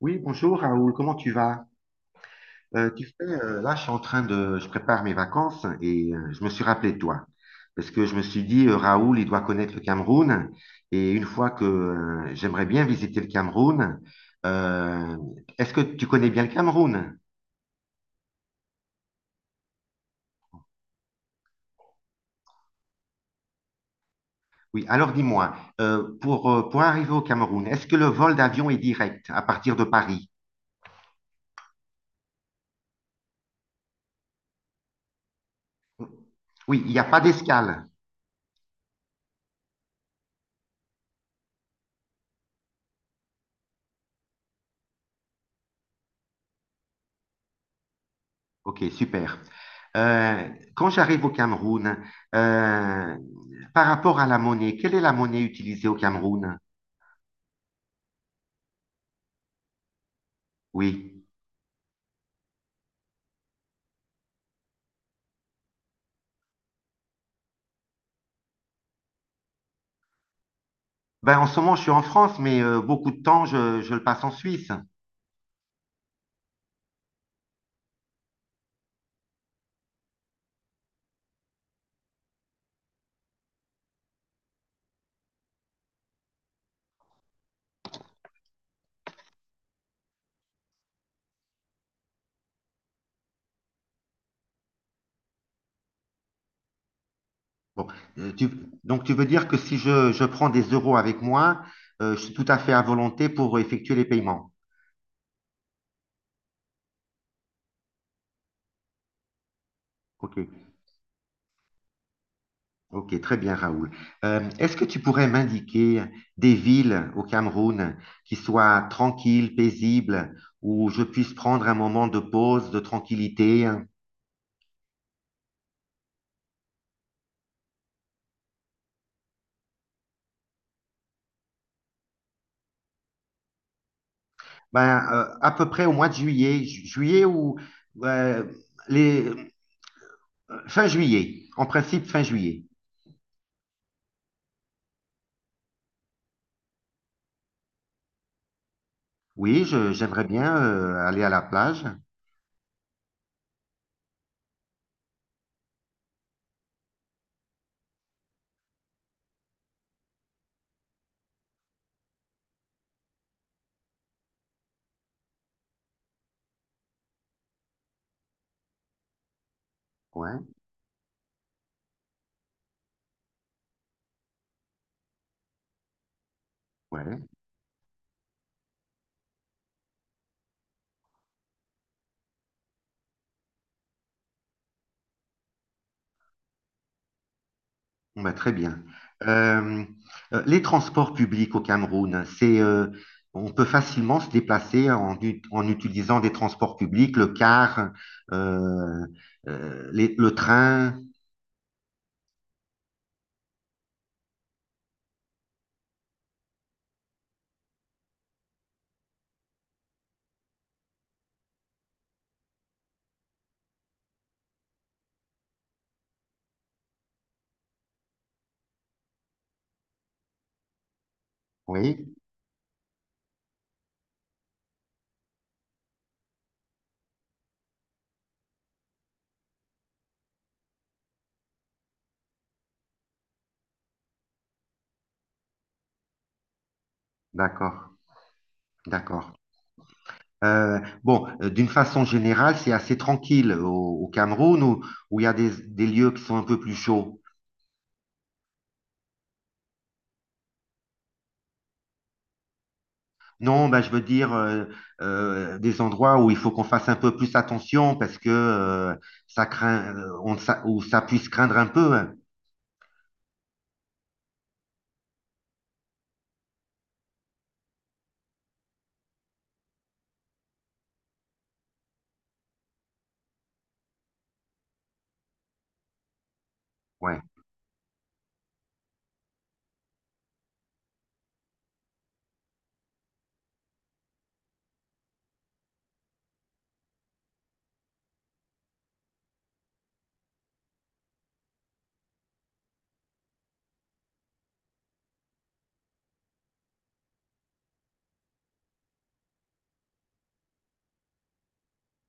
Oui, bonjour Raoul, comment tu vas? Là, je suis en train de, je prépare mes vacances et je me suis rappelé de toi. Parce que je me suis dit, Raoul, il doit connaître le Cameroun. Et une fois que j'aimerais bien visiter le Cameroun, euh, est-ce que tu connais bien le Cameroun? Oui, alors dis-moi, pour arriver au Cameroun, est-ce que le vol d'avion est direct à partir de Paris? Oui, il n'y a pas d'escale. Ok, super. Euh, Quand j'arrive au Cameroun, euh, par rapport à la monnaie, quelle est la monnaie utilisée au Cameroun? Oui. Ben, en ce moment, je suis en France, mais beaucoup de temps, je le passe en Suisse. Bon, euh, tu- donc, tu veux dire que si je prends des euros avec moi, je suis tout à fait à volonté pour effectuer les paiements. Ok. Ok, très bien, Raoul. Est-ce que tu pourrais m'indiquer des villes au Cameroun qui soient tranquilles, paisibles, où je puisse prendre un moment de pause, de tranquillité, hein? Ben, à peu près au mois de juillet, juillet ou euh, les, fin juillet, en principe fin juillet. Oui, j'aimerais bien aller à la plage. Ouais, ouais. Bon, bah, très bien. Euh, les transports publics au Cameroun, c'est, on peut facilement se déplacer en, en utilisant des transports publics, le car, euh, le train. Oui, d'accord, d'accord. D'une façon générale, c'est assez tranquille au, au Cameroun, où où il y a des lieux qui sont un peu plus chauds. Non, bah, je veux dire des endroits où il faut qu'on fasse un peu plus attention parce que ça craint, où ça puisse craindre un peu, hein. Ouais,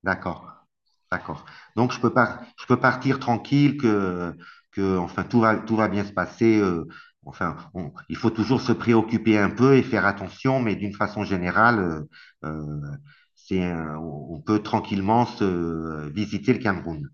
d'accord, d'accord. Donc je peux partir tranquille que enfin tout va bien se passer. Il faut toujours se préoccuper un peu et faire attention, mais d'une façon générale, euh, c'est un- on peut tranquillement se visiter le Cameroun.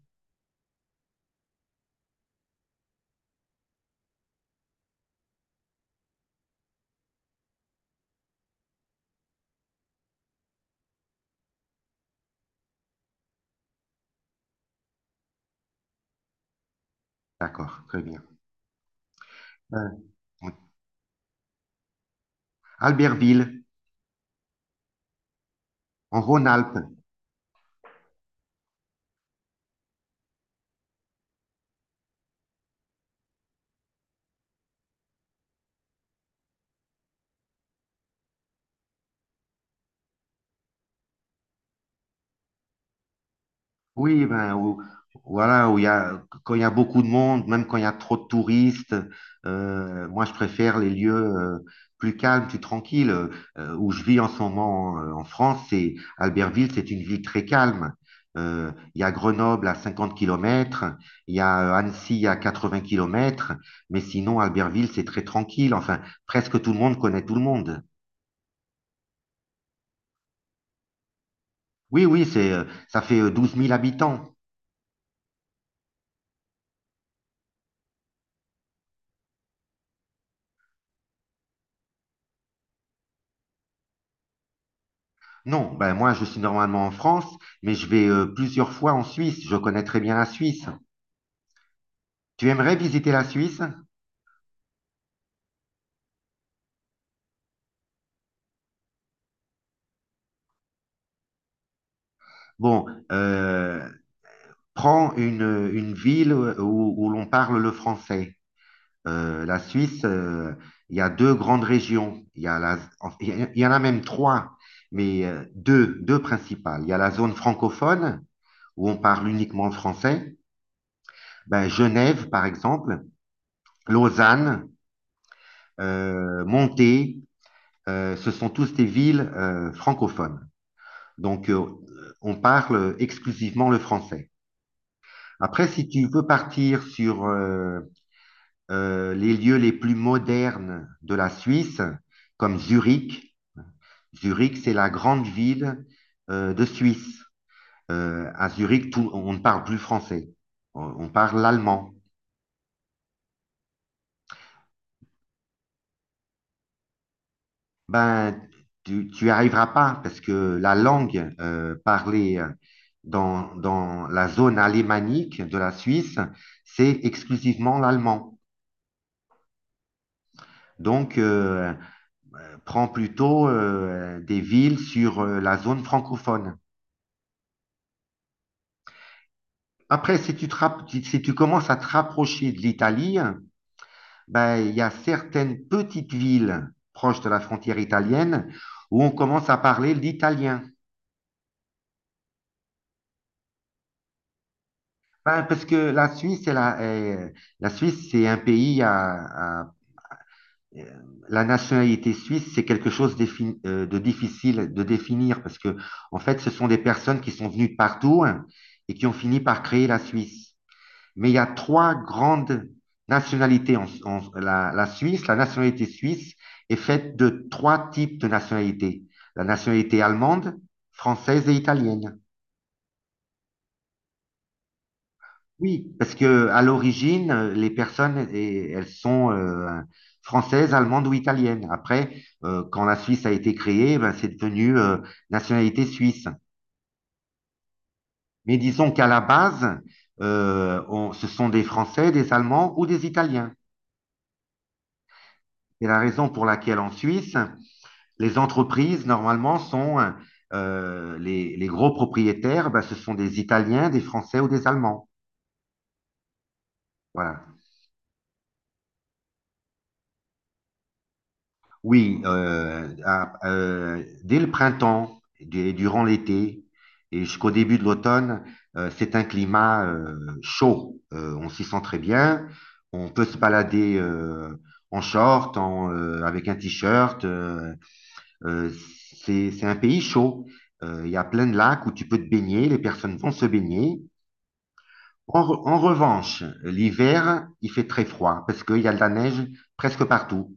D'accord, très bien. Euh, Albertville. En Rhône-Alpes, oui, voilà, où il y a, quand il y a beaucoup de monde, même quand il y a trop de touristes, moi je préfère les lieux plus calmes, plus tranquilles. Où je vis en ce moment en France, c'est Albertville, c'est une ville très calme. Il y a Grenoble à 50 kilomètres, il y a Annecy à 80 kilomètres, mais sinon Albertville, c'est très tranquille. Enfin, presque tout le monde connaît tout le monde. Oui, oui, c'est, ça fait 12 000 habitants. Non, ben moi je suis normalement en France, mais je vais plusieurs fois en Suisse. Je connais très bien la Suisse. Tu aimerais visiter la Suisse? Bon, euh, prends une ville où, où l'on parle le français. La Suisse, il y a deux grandes régions. Il y a la, en- il y a- Il y en a même trois, mais deux principales. Il y a la zone francophone où on parle uniquement le français. Ben, Genève, par exemple, Lausanne, Monté. Euh, ce sont tous des villes francophones. Donc, on parle exclusivement le français. Après, si tu veux partir sur les lieux les plus modernes de la Suisse, comme Zurich, Zurich, c'est la grande ville de Suisse. On ne parle plus français, on parle l'allemand. Ben, tu y arriveras pas parce que la langue parlée dans la zone alémanique de la Suisse, c'est exclusivement l'allemand. Donc, prends plutôt des villes sur la zone francophone. Après, si tu commences à te rapprocher de l'Italie, ben, il y a certaines petites villes proches de la frontière italienne où on commence à parler l'italien. Ben, parce que la Suisse, c'est un pays à- euh, la nationalité suisse, c'est quelque chose de difficile de définir parce que, en fait, ce sont des personnes qui sont venues de partout, hein, et qui ont fini par créer la Suisse. Mais il y a trois grandes nationalités la Suisse. La nationalité suisse est faite de trois types de nationalités. La nationalité allemande, française et italienne. Oui, parce que à l'origine, les personnes, eh, elles sont françaises, allemandes ou italiennes. Après, quand la Suisse a été créée, ben, c'est devenu nationalité suisse. Mais disons qu'à la base, ce sont des Français, des Allemands ou des Italiens. C'est la raison pour laquelle en Suisse, les entreprises, normalement, sont les gros propriétaires, ben, ce sont des Italiens, des Français ou des Allemands. Voilà. Oui, dès le printemps et durant l'été et jusqu'au début de l'automne, c'est un climat chaud. On s'y sent très bien. On peut se balader en short, avec un t-shirt. Euh, c'est un pays chaud. Il y a plein de lacs où tu peux te baigner. Les personnes vont se baigner. En revanche, l'hiver, il fait très froid parce qu'il y a de la neige presque partout.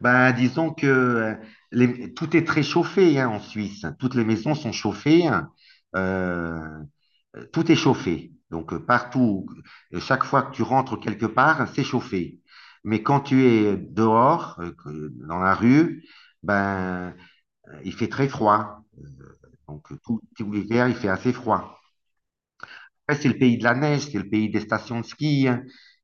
Ben, disons que tout est très chauffé, hein, en Suisse. Toutes les maisons sont chauffées, hein. Euh, Tout est chauffé. Donc, partout, chaque fois que tu rentres quelque part, c'est chauffé. Mais quand tu es dehors, dans la rue, ben, il fait très froid. Donc, tout l'hiver, il fait assez froid. Après, c'est le pays de la neige, c'est le pays des stations de ski, hein.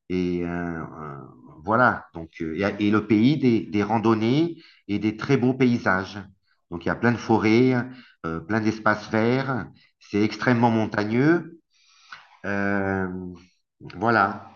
et euh, euh, voilà. Donc, et le pays des randonnées et des très beaux paysages. Donc, il y a plein de forêts, plein d'espaces verts. C'est extrêmement montagneux. Euh, voilà.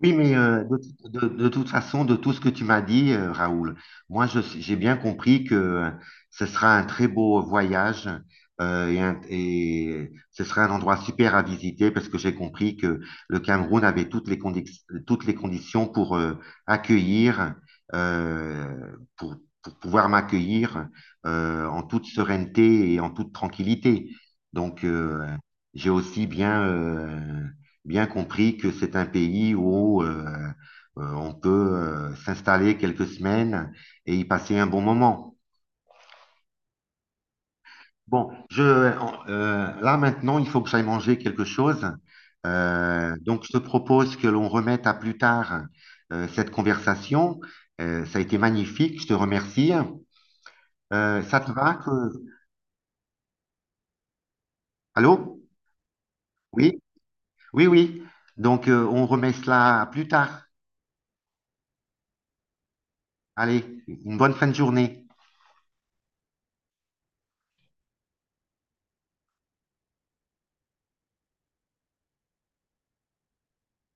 Oui, mais de toute façon, de tout ce que tu m'as dit, Raoul, j'ai bien compris que ce sera un très beau voyage et ce sera un endroit super à visiter parce que j'ai compris que le Cameroun avait toutes les conditions pour accueillir, euh, pour, pour pouvoir m'accueillir en toute sérénité et en toute tranquillité. Donc, j'ai aussi bien... bien compris que c'est un pays où on peut s'installer quelques semaines et y passer un bon moment. Bon, là maintenant, il faut que j'aille manger quelque chose. Donc, je te propose que l'on remette à plus tard cette conversation. Ça a été magnifique, je te remercie. Ça te va que... Allô? Oui, oui, oui. Donc, on remet cela à plus tard. Allez, une bonne fin de journée.